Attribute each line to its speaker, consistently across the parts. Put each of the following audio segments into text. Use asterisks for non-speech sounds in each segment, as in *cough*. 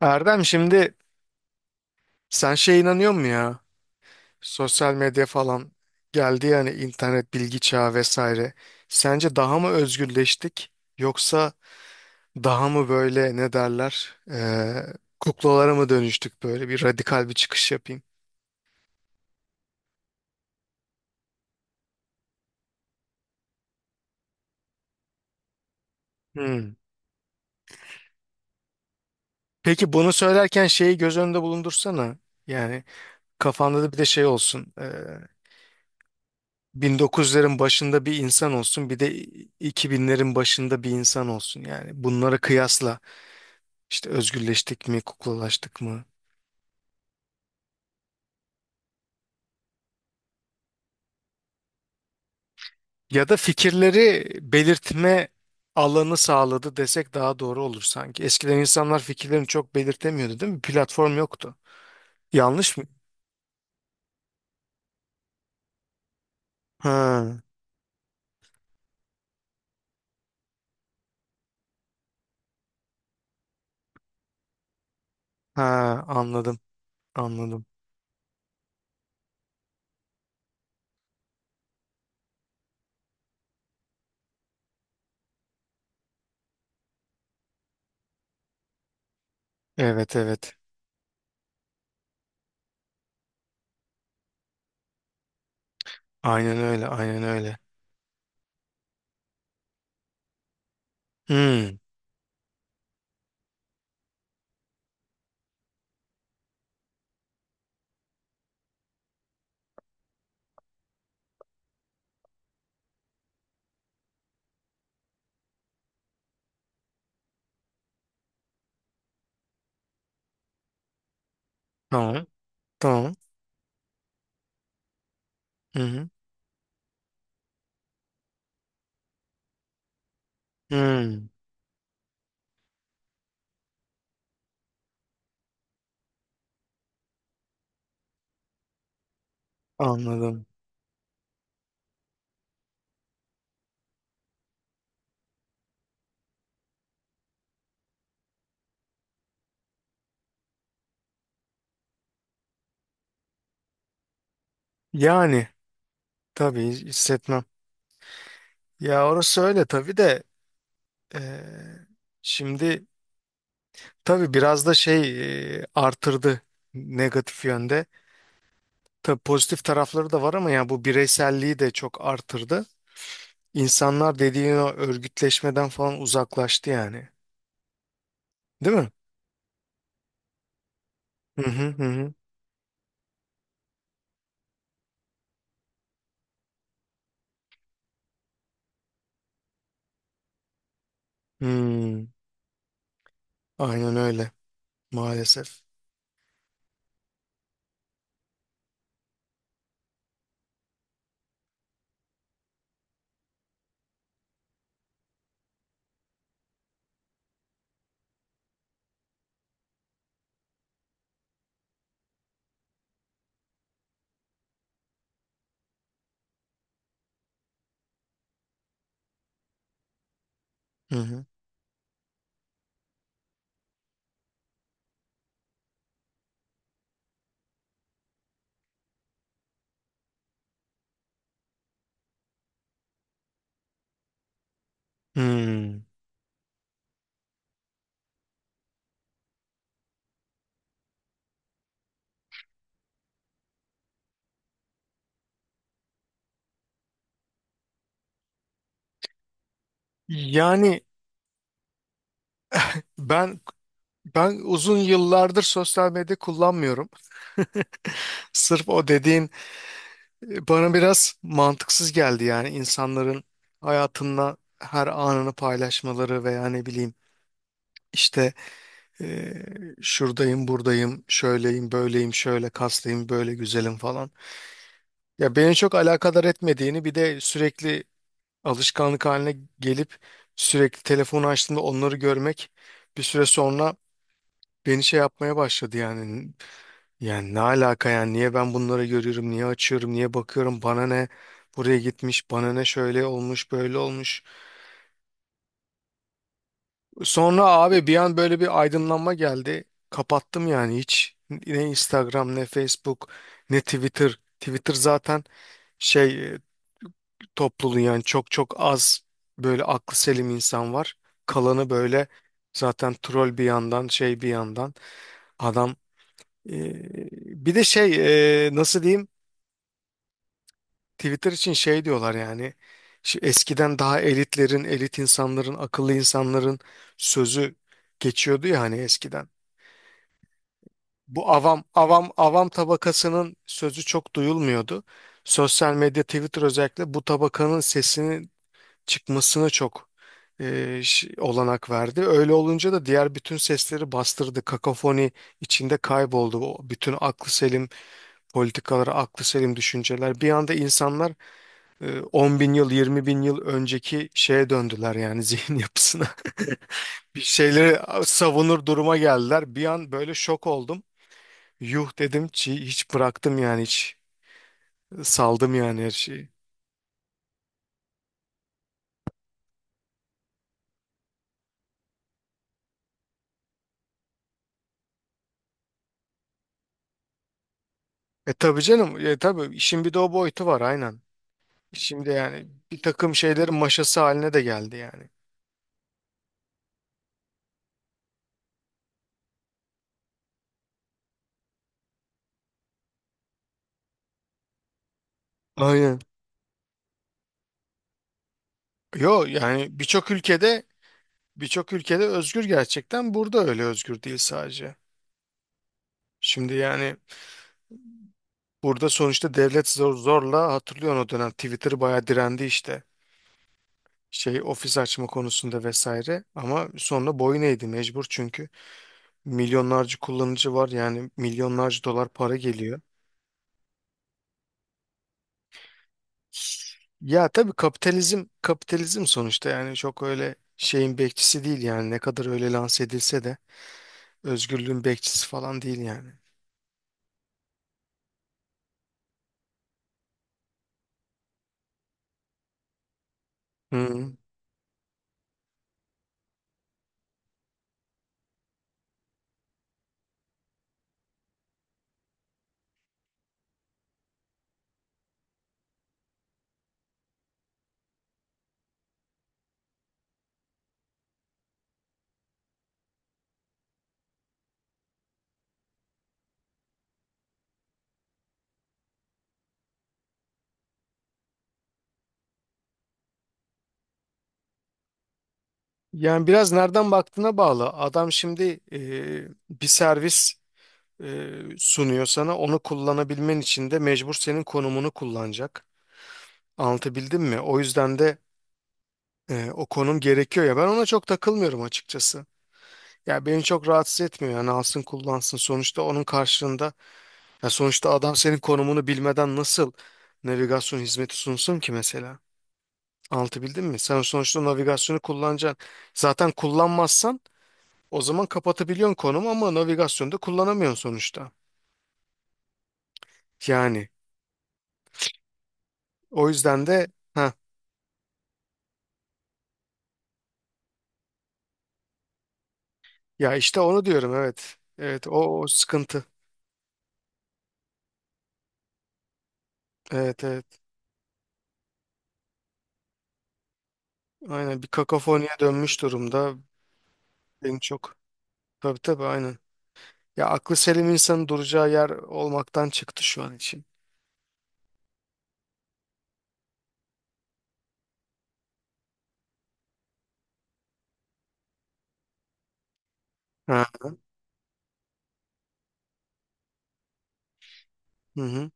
Speaker 1: Erdem, şimdi sen şeye inanıyor musun ya? Sosyal medya falan geldi yani internet bilgi çağı vesaire. Sence daha mı özgürleştik yoksa daha mı böyle ne derler kuklalara mı dönüştük, böyle bir radikal bir çıkış yapayım. Hmm. Peki, bunu söylerken şeyi göz önünde bulundursana. Yani kafanda da bir de şey olsun. 1900'lerin başında bir insan olsun, bir de 2000'lerin başında bir insan olsun, yani bunları kıyasla. İşte özgürleştik mi, kuklalaştık mı? Ya da fikirleri belirtme alanı sağladı desek daha doğru olur sanki. Eskiden insanlar fikirlerini çok belirtemiyordu, değil mi? Platform yoktu. Yanlış mı? Ha, ha, anladım, anladım. Evet, evet. Aynen öyle, aynen öyle. Hmm, tamam, tamam. Hı hı. Hmm, anladım. Yani tabii hissetmem. Ya orası öyle tabii de eee, şimdi tabii biraz da artırdı negatif yönde. Tabii pozitif tarafları da var ama yani bu bireyselliği de çok artırdı. İnsanlar dediğin o örgütleşmeden falan uzaklaştı yani. Değil mi? Hı hı hı. Hı. Hmm, aynen öyle maalesef. Hı hı. Hmm. Yani ben ben uzun yıllardır sosyal medya kullanmıyorum. *laughs* Sırf o dediğin bana biraz mantıksız geldi yani insanların hayatında her anını paylaşmaları veya ne bileyim işte e, şuradayım, buradayım, şöyleyim, böyleyim, şöyle kaslıyım, böyle güzelim falan. Ya beni çok alakadar etmediğini, bir de sürekli alışkanlık haline gelip sürekli telefonu açtığımda onları görmek bir süre sonra beni şey yapmaya başladı yani. Yani ne alaka yani, niye ben bunları görüyorum, niye açıyorum, niye bakıyorum, bana ne buraya gitmiş, bana ne şöyle olmuş, böyle olmuş. Sonra abi bir an böyle bir aydınlanma geldi. Kapattım yani, hiç ne Instagram, ne Facebook, ne Twitter. Twitter zaten şey e, topluluğu yani çok çok az böyle aklı selim insan var. Kalanı böyle zaten troll bir yandan, bir yandan adam, e, bir de nasıl diyeyim, Twitter için şey diyorlar yani, şu eskiden daha elitlerin, elit insanların, akıllı insanların sözü geçiyordu ya hani, eskiden. Bu avam tabakasının sözü çok duyulmuyordu. Sosyal medya, Twitter özellikle, bu tabakanın sesinin çıkmasına çok olanak verdi. Öyle olunca da diğer bütün sesleri bastırdı. Kakafoni içinde kayboldu. O bütün aklı selim politikaları, aklı selim düşünceler. Bir anda insanlar 10 bin yıl, 20 bin yıl önceki şeye döndüler yani, zihin yapısına. *laughs* Bir şeyleri savunur duruma geldiler. Bir an böyle şok oldum. Yuh dedim ki, hiç bıraktım yani, hiç saldım yani her şeyi. Tabii canım, tabii işin bir de o boyutu var, aynen. Şimdi yani bir takım şeylerin maşası haline de geldi yani. Aynen. Yo yani, birçok ülkede özgür, gerçekten burada öyle özgür değil sadece. Şimdi yani burada sonuçta devlet zor, zorla hatırlıyorsun o dönem Twitter bayağı direndi işte. Ofis açma konusunda vesaire, ama sonra boyun eğdi mecbur, çünkü milyonlarca kullanıcı var yani, milyonlarca dolar para geliyor. Ya tabii, kapitalizm kapitalizm sonuçta yani, çok öyle şeyin bekçisi değil yani, ne kadar öyle lanse edilse de özgürlüğün bekçisi falan değil yani. Hı. Yani biraz nereden baktığına bağlı. Adam şimdi bir servis sunuyor sana. Onu kullanabilmen için de mecbur senin konumunu kullanacak. Anlatabildim mi? O yüzden de o konum gerekiyor ya. Ben ona çok takılmıyorum açıkçası. Ya beni çok rahatsız etmiyor. Yani alsın kullansın. Sonuçta onun karşılığında ya, sonuçta adam senin konumunu bilmeden nasıl navigasyon hizmeti sunsun ki mesela? Anlatabildim mi? Sen sonuçta navigasyonu kullanacaksın. Zaten kullanmazsan o zaman kapatabiliyorsun konumu, ama navigasyonda kullanamıyorsun sonuçta. Yani o yüzden de heh, Ya işte onu diyorum, evet. Evet, o sıkıntı. Evet, evet. Aynen, bir kakofoniye dönmüş durumda. Beni çok. Tabii tabii, aynen. Ya aklı selim insanın duracağı yer olmaktan çıktı şu an için. Ha. Hı hı.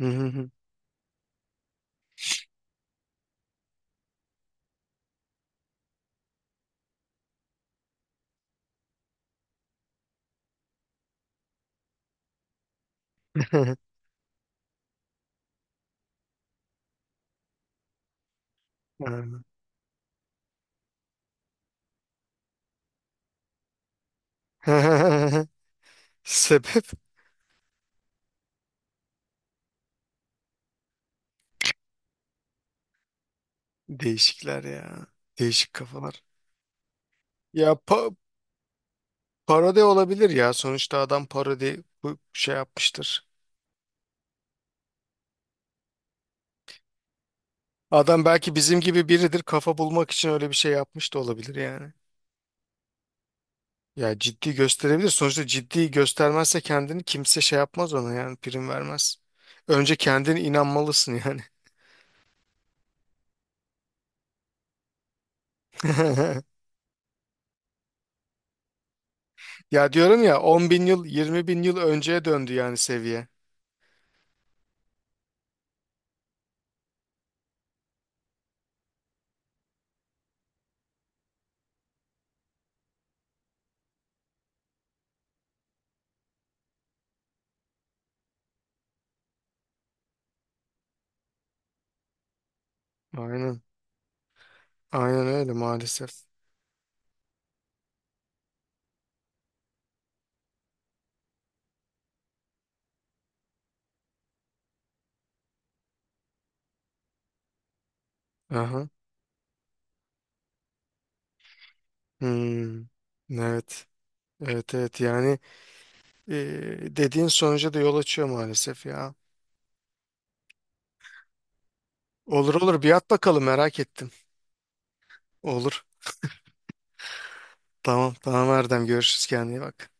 Speaker 1: Hı hı. Hı. *laughs* Ha. *laughs* Sebep değişikler ya. Değişik kafalar. Ya parodi olabilir ya. Sonuçta adam parodi, bu şey yapmıştır. Adam belki bizim gibi biridir. Kafa bulmak için öyle bir şey yapmış da olabilir yani. Ya ciddi gösterebilir. Sonuçta ciddi göstermezse kendini, kimse şey yapmaz ona yani, prim vermez. Önce kendine inanmalısın yani. *laughs* Ya diyorum ya, 10 bin yıl, 20 bin yıl önceye döndü yani seviye. Aynen. Aynen öyle maalesef. Aha. Hmm. Evet. Evet, evet yani e, dediğin sonuca da yol açıyor maalesef ya. Olur olur, bir at bakalım, merak ettim. Olur. Tamam tamam Erdem, görüşürüz, kendine iyi bak.